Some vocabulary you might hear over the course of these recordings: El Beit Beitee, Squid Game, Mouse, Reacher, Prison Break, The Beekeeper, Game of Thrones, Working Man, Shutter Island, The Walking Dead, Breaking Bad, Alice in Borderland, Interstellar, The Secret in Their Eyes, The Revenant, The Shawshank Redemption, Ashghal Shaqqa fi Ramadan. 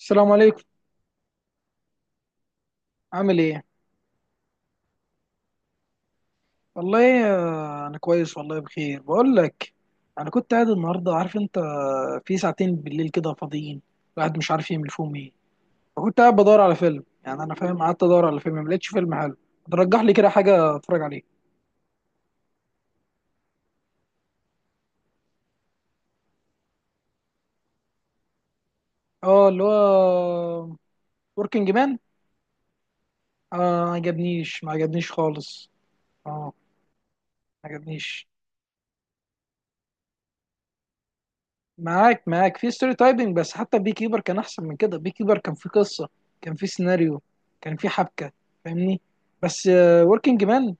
السلام عليكم. عامل ايه؟ والله انا كويس، والله بخير بقول لك. انا كنت قاعد النهارده، عارف انت، في ساعتين بالليل كده فاضيين، الواحد مش عارف يعمل فيهم ايه. فكنت قاعد بدور على فيلم، يعني انا فاهم، قعدت ادور على فيلم ما لقيتش فيلم حلو. ترجح لي كده حاجه اتفرج عليه. اه، اللي هو وركينج مان. اه، ما عجبنيش خالص. اه، ما عجبنيش. معاك، معاك، في ستوري تايبنج، بس حتى بي كيبر كان احسن من كده. بي كيبر كان في قصه، كان في سيناريو، كان في حبكه، فاهمني؟ بس وركينج مان،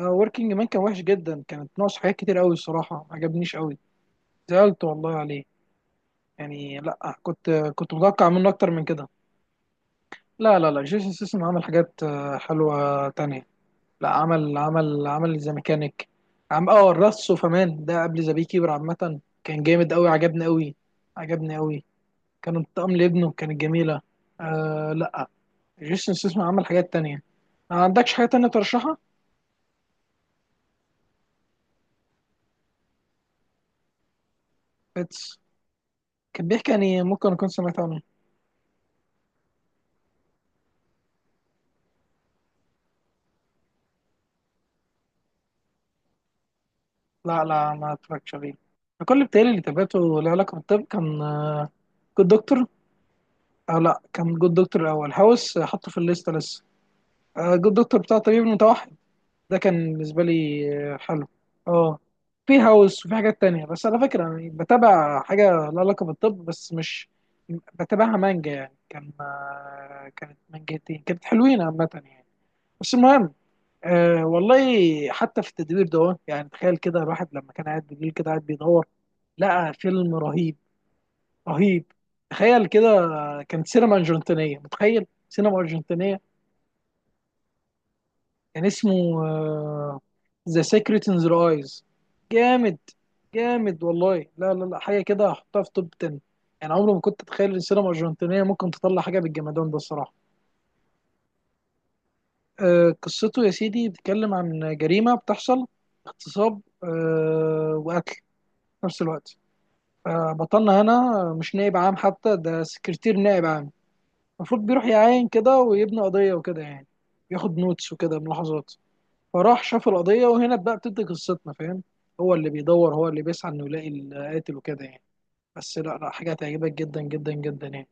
وركينج مان كان وحش جدا، كانت ناقص حاجات كتير قوي، الصراحه ما عجبنيش قوي. زعلت والله عليه. يعني لا، كنت متوقع منه اكتر من كده. لا لا لا، جيسون سيسم عمل حاجات حلوه تانية. لا، عمل ذا ميكانيك. عم اه الرص وفمان ده قبل ذا بي كيبر، عامه كان جامد قوي، عجبني قوي. عجبني قوي. كانت بتقام لابنه، كانت جميلة. آه لا، جيسون ستاثام عمل حاجات تانية. ما عندكش حاجة تانية ترشحها؟ بيتس. كان بيحكي يعني، ممكن أكون سمعت عنه. لا لا، ما اتفرجتش عليه أنا. كل بتهيألي اللي تابعته له علاقة بالطب كان جود دكتور. أو لا، كان جود دكتور الأول، هاوس حطه في الليستة لسه. جود دكتور بتاع طبيب متوحد. ده كان بالنسبه لي حلو. اه. في هاوس وفي حاجات تانية، بس على فكره يعني بتابع حاجه لها علاقه بالطب، بس مش بتابعها. مانجا يعني، كان كانت مانجتين، كانت حلوين عامه يعني. بس المهم، أه والله. حتى في التدوير ده، يعني تخيل كده، الواحد لما كان قاعد بالليل كده قاعد بيدور، لقى فيلم رهيب. رهيب. تخيل كده، كان سينما أرجنتينية، متخيل سينما أرجنتينية. كان اسمه ذا سيكريت ان ذا ايز. جامد. جامد والله، لا لا لا، حاجه كده هحطها في توب 10. يعني عمري ما كنت اتخيل ان السينما الارجنتينيه ممكن تطلع حاجه بالجمدان ده الصراحه. قصته يا سيدي بتتكلم عن جريمه بتحصل، اغتصاب وقتل في نفس الوقت. بطلنا هنا مش نائب عام حتى، ده سكرتير نائب عام، المفروض بيروح يعاين كده ويبني قضيه وكده يعني، ياخد نوتس وكده، ملاحظات. فراح شاف القضية، وهنا بقى بتبدأ قصتنا، فاهم؟ هو اللي بيدور، هو اللي بيسعى انه يلاقي القاتل وكده يعني. بس لا لا، حاجة هتعجبك جدا جدا جدا يعني.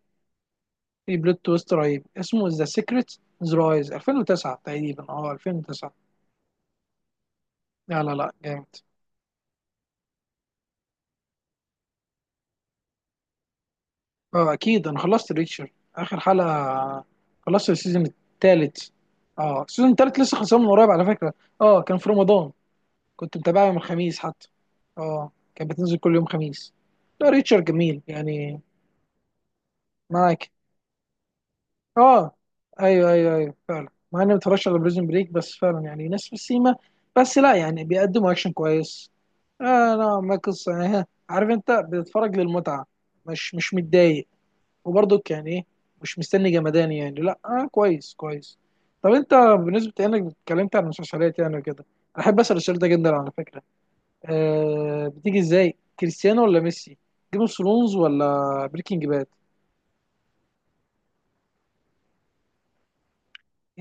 في بلوت تويست رهيب، اسمه ذا سيكريت ذا رايز، 2009 تقريبا، اه 2009. لا لا لا، جامد. اه، اكيد، انا خلصت ريتشر اخر حلقة. خلصت السيزون التالت. اه، السيزون التالت لسه خلصان من قريب على فكرة. اه، كان في رمضان، كنت متابعها من الخميس حتى. اه، كانت بتنزل كل يوم خميس. لا، ريتشر جميل يعني. معاك. اه. ايوه ايوه ايوه، فعلا، مع اني ما اتفرجتش على بريزن بريك، بس فعلا يعني ناس في السيما. بس لا يعني بيقدموا اكشن كويس. آه. لا، ما قصه يعني، ها، عارف انت بتتفرج للمتعه، مش مش متضايق، وبرضك يعني ايه، مش مستني جمدان يعني. لا آه، كويس كويس. طب انت بالنسبه، يعني انك اتكلمت عن المسلسلات يعني وكده، أنا احب اسال السؤال ده جدا على فكره. آه بتيجي ازاي، كريستيانو ولا ميسي، جيم اوف ثرونز ولا بريكنج باد؟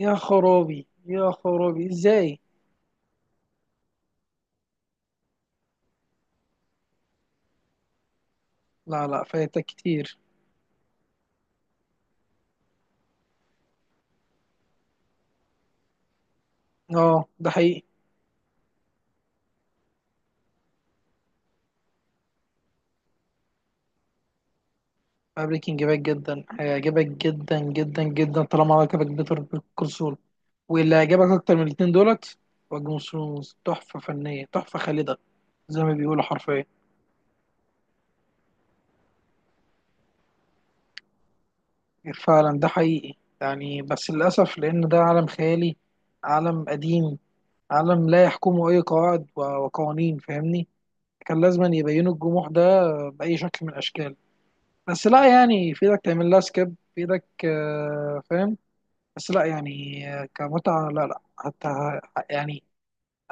يا خرابي، يا خرابي، ازاي؟ لا لا، فايتك كتير. اه ده حقيقي. بريكنج باد جدا هيعجبك، جدا جدا جدا، طالما عجبك بيتر كونسول. واللي هيعجبك اكتر من الاتنين دولت، هو جيم اوف ثرونز. تحفة فنية، تحفة خالدة، زي ما بيقولوا حرفيا. فعلا ده حقيقي يعني، بس للأسف، لأن ده عالم خيالي، عالم قديم، عالم لا يحكمه أي قواعد وقوانين، فاهمني؟ كان لازم يبينوا الجموح ده بأي شكل من الأشكال. بس لا يعني، في إيدك تعمل لها سكيب، في إيدك فاهم؟ بس لا يعني، كمتعة لا لا حتى، يعني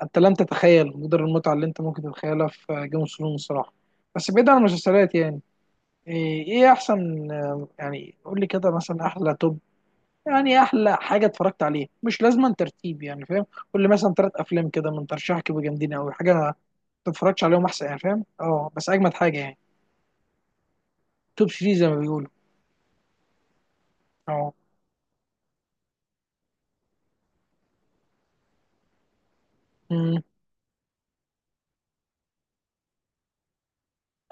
أنت لم تتخيل مقدار المتعة اللي أنت ممكن تتخيلها في جيم اوف ثرونز الصراحة. بس بعيد عن المسلسلات يعني، إيه إيه أحسن، يعني قول لي كده مثلا أحلى توب، يعني أحلى حاجة اتفرجت عليها، مش لازما ترتيب يعني، فاهم؟ قول لي مثلا تلات أفلام كده من ترشيحك يبقوا جامدين أوي، حاجة ما تتفرجش عليهم أحسن يعني، فاهم؟ أه، بس أجمد حاجة يعني. توب 3 زي ما بيقولوا. أه. أمم.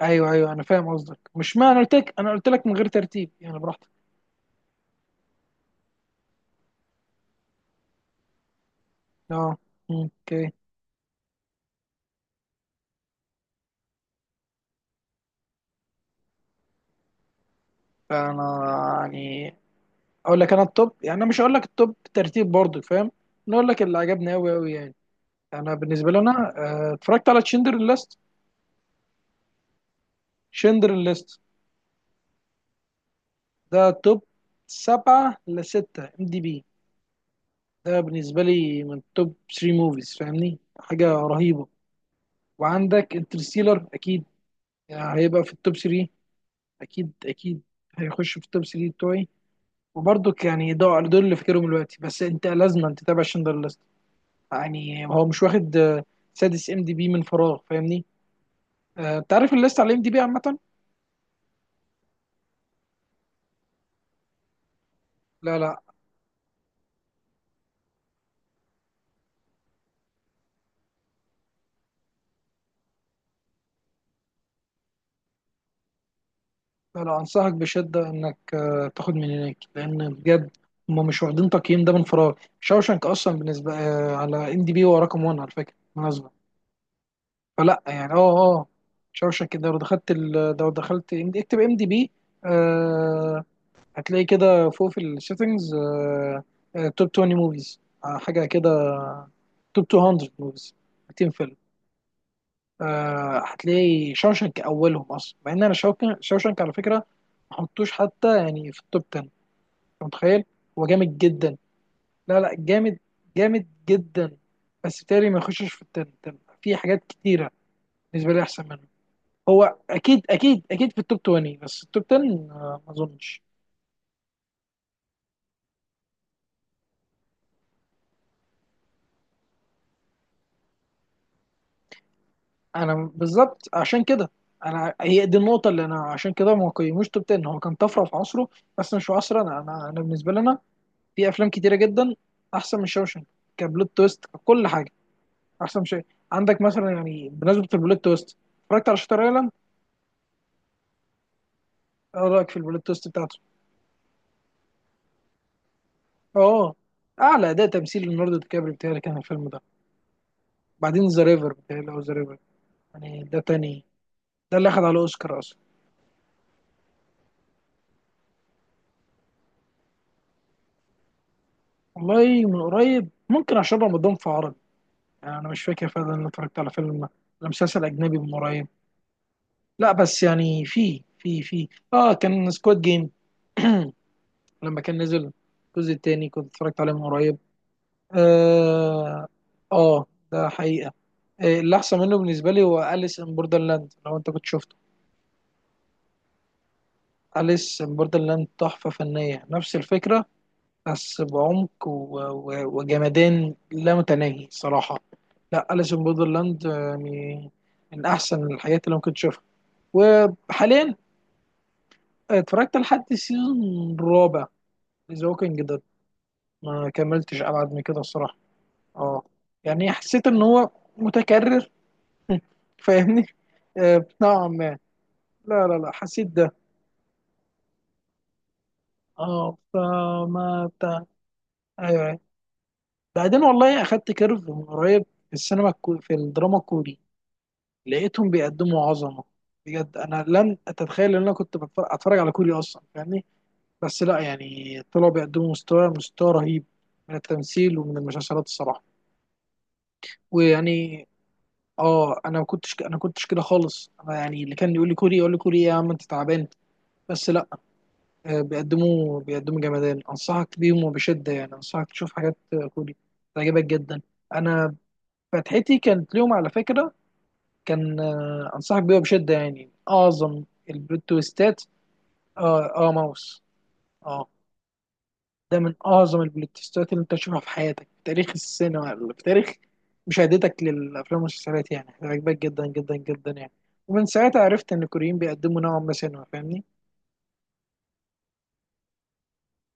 أيوه أيوه، أنا فاهم قصدك، مش ما أنا قلت لك، أنا قلت لك من غير ترتيب يعني، براحتك. اه. مم، اوكي. فانا يعني اقول لك، انا التوب يعني، انا مش هقول لك التوب ترتيب برضو، فاهم؟ انا اقول لك اللي عجبني قوي قوي يعني. انا بالنسبه لي، اتفرجت على تشندر ليست. تشندر ليست، ده توب سبعة لستة ام دي بي. ده بالنسبه لي من توب 3 موفيز، فاهمني، حاجه رهيبه. وعندك انترستيلر اكيد، يعني هيبقى في التوب 3. اكيد اكيد، هيخش في التوب 3 بتوعي. وبرضك يعني، دول اللي فاكرهم دلوقتي. بس انت لازم تتابع شندر، يعني هو مش واخد سادس ام دي بي من فراغ، فاهمني؟ انت عارف الليست على الام دي بي عامه. لا لا لا لا، انصحك بشده انك تاخد من هناك، لان بجد هم مش واخدين تقييم ده من فراغ. شاوشانك اصلا بالنسبه على ام دي بي هو رقم 1 على فكره، بالمناسبه. فلا يعني، اه اه، شاوشانك ده، لو دخلت لو دخلت اكتب ام دي بي، هتلاقي كده فوق في السيتنجز، توب 20 موفيز، حاجه كده، توب 200 موفيز، 200 فيلم. آه هتلاقي شوشنك اولهم اصلا. مع ان انا شوشنك، شوشنك على فكره ما حطوش حتى يعني في التوب 10، انت متخيل؟ هو جامد جدا، لا لا جامد، جامد جدا. بس بالتالي ما يخشش في التن تن. في حاجات كتيره بالنسبه لي احسن منه. هو اكيد اكيد اكيد في التوب 20، بس التوب 10 آه ما اظنش. انا بالظبط عشان كده، انا هي دي النقطه اللي، انا عشان كده ما قيموش توب 10، هو كان طفره في عصره بس مش في عصرنا. انا بالنسبه لنا، في افلام كتيره جدا احسن من شوشنك، كبلوت تويست، ككل حاجه، احسن شيء. عندك مثلا يعني بمناسبه البلوت تويست، اتفرجت على شاتر ايلاند. ايه رايك في البلوت تويست بتاعته؟ اه، اعلى اداء تمثيل ليوناردو دي كابري بتاعي كان الفيلم ده. بعدين ذا ريفر بتاعي، او ذا ريفر، يعني ده تاني، ده اللي اخد على اوسكار اصلا. والله من قريب، ممكن عشان رمضان في عربي يعني، انا مش فاكر فعلا ان أنا اتفرجت على فيلم ولا مسلسل اجنبي من قريب. لا بس يعني، في اه، كان سكواد جيم، لما كان نزل الجزء التاني، كنت اتفرجت عليه من قريب. اه. آه، ده حقيقة. اللي احسن منه بالنسبة لي هو أليس ان بوردرلاند، لو انت كنت شفته. أليس ان بوردرلاند تحفة فنية، نفس الفكرة بس بعمق وجمدان لا متناهي صراحة. لا، أليس ان بوردرلاند من من احسن الحاجات اللي ممكن تشوفها. وحاليا، اتفرجت لحد السيزون الرابع ذا ووكينج ديد، ما كملتش ابعد من كده الصراحة. اه، يعني حسيت ان هو متكرر، فاهمني؟ نوعا ما. لا لا لا، حسيت ده. اه، فما بتاع. ايوه. أيوة. بعدين والله اخدت كيرف من قريب في في الدراما الكوري، لقيتهم بيقدموا عظمه. بجد، انا لن اتخيل ان انا كنت اتفرج على كوري اصلا، فاهمني؟ بس لا يعني طلعوا بيقدموا مستوى رهيب من التمثيل ومن المسلسلات الصراحه. ويعني، اه، انا ما كنتش، انا كنتش كده خالص، انا يعني اللي كان يقول لي كوري، يقول لي كوري إيه يا عم، انت تعبان. بس لا، بيقدموا جمدان، انصحك بيهم وبشده يعني، انصحك تشوف حاجات كوري، تعجبك جدا. انا فتحتي كانت ليهم على فكره، كان انصحك بيها بشده، يعني اعظم البلوت تويستات. اه اه، ماوس. اه، ده من اعظم البلوتستات اللي انت تشوفها في حياتك، في تاريخ السينما، في تاريخ مشاهدتك للافلام والمسلسلات، يعني عجبك جدا جدا جدا يعني. ومن ساعتها عرفت ان الكوريين بيقدموا نوعا ما سينما، فاهمني؟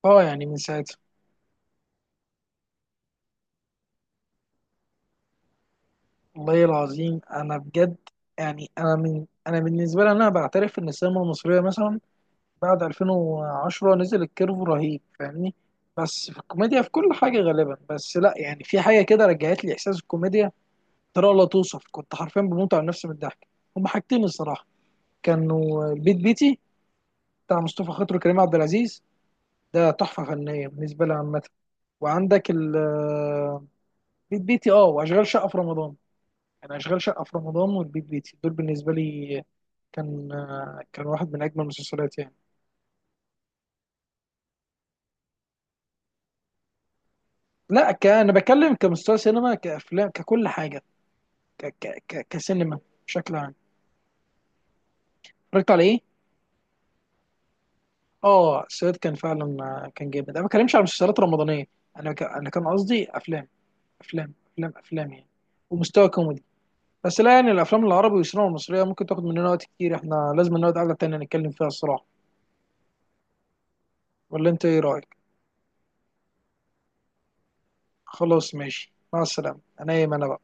اه يعني من ساعتها. والله العظيم انا بجد، يعني انا بالنسبه لي، انا بعترف ان السينما المصريه مثلا بعد 2010 نزل الكيرف رهيب، فاهمني؟ بس في الكوميديا، في كل حاجه غالبا. بس لا يعني، في حاجه كده رجعت لي احساس الكوميديا طريقه لا توصف، كنت حرفيا بموت على نفسي من الضحك. هما حاجتين الصراحه، كانوا البيت بيتي بتاع مصطفى خاطر وكريم عبد العزيز، ده تحفه فنيه بالنسبه لي عامه. وعندك البيت بيتي، اه، واشغال شقه في رمضان، يعني اشغال شقه في رمضان والبيت بيتي دول بالنسبه لي كان كان واحد من اجمل المسلسلات يعني. لا انا بتكلم كمستوى سينما، كافلام، ككل حاجه، كسينما بشكل عام. اتفرجت على ايه؟ اه السويد كان فعلا كان جامد. انا ما بتكلمش على مسلسلات رمضانيه، انا انا كان قصدي افلام، افلام يعني، ومستوى كوميدي. بس لا يعني الافلام العربي والسينما المصريه ممكن تاخد مننا وقت كتير، احنا لازم نقعد قعده تانية نتكلم فيها الصراحه. ولا انت ايه رايك؟ خلاص ماشي، مع السلامه. انا ايمن أنا بقى.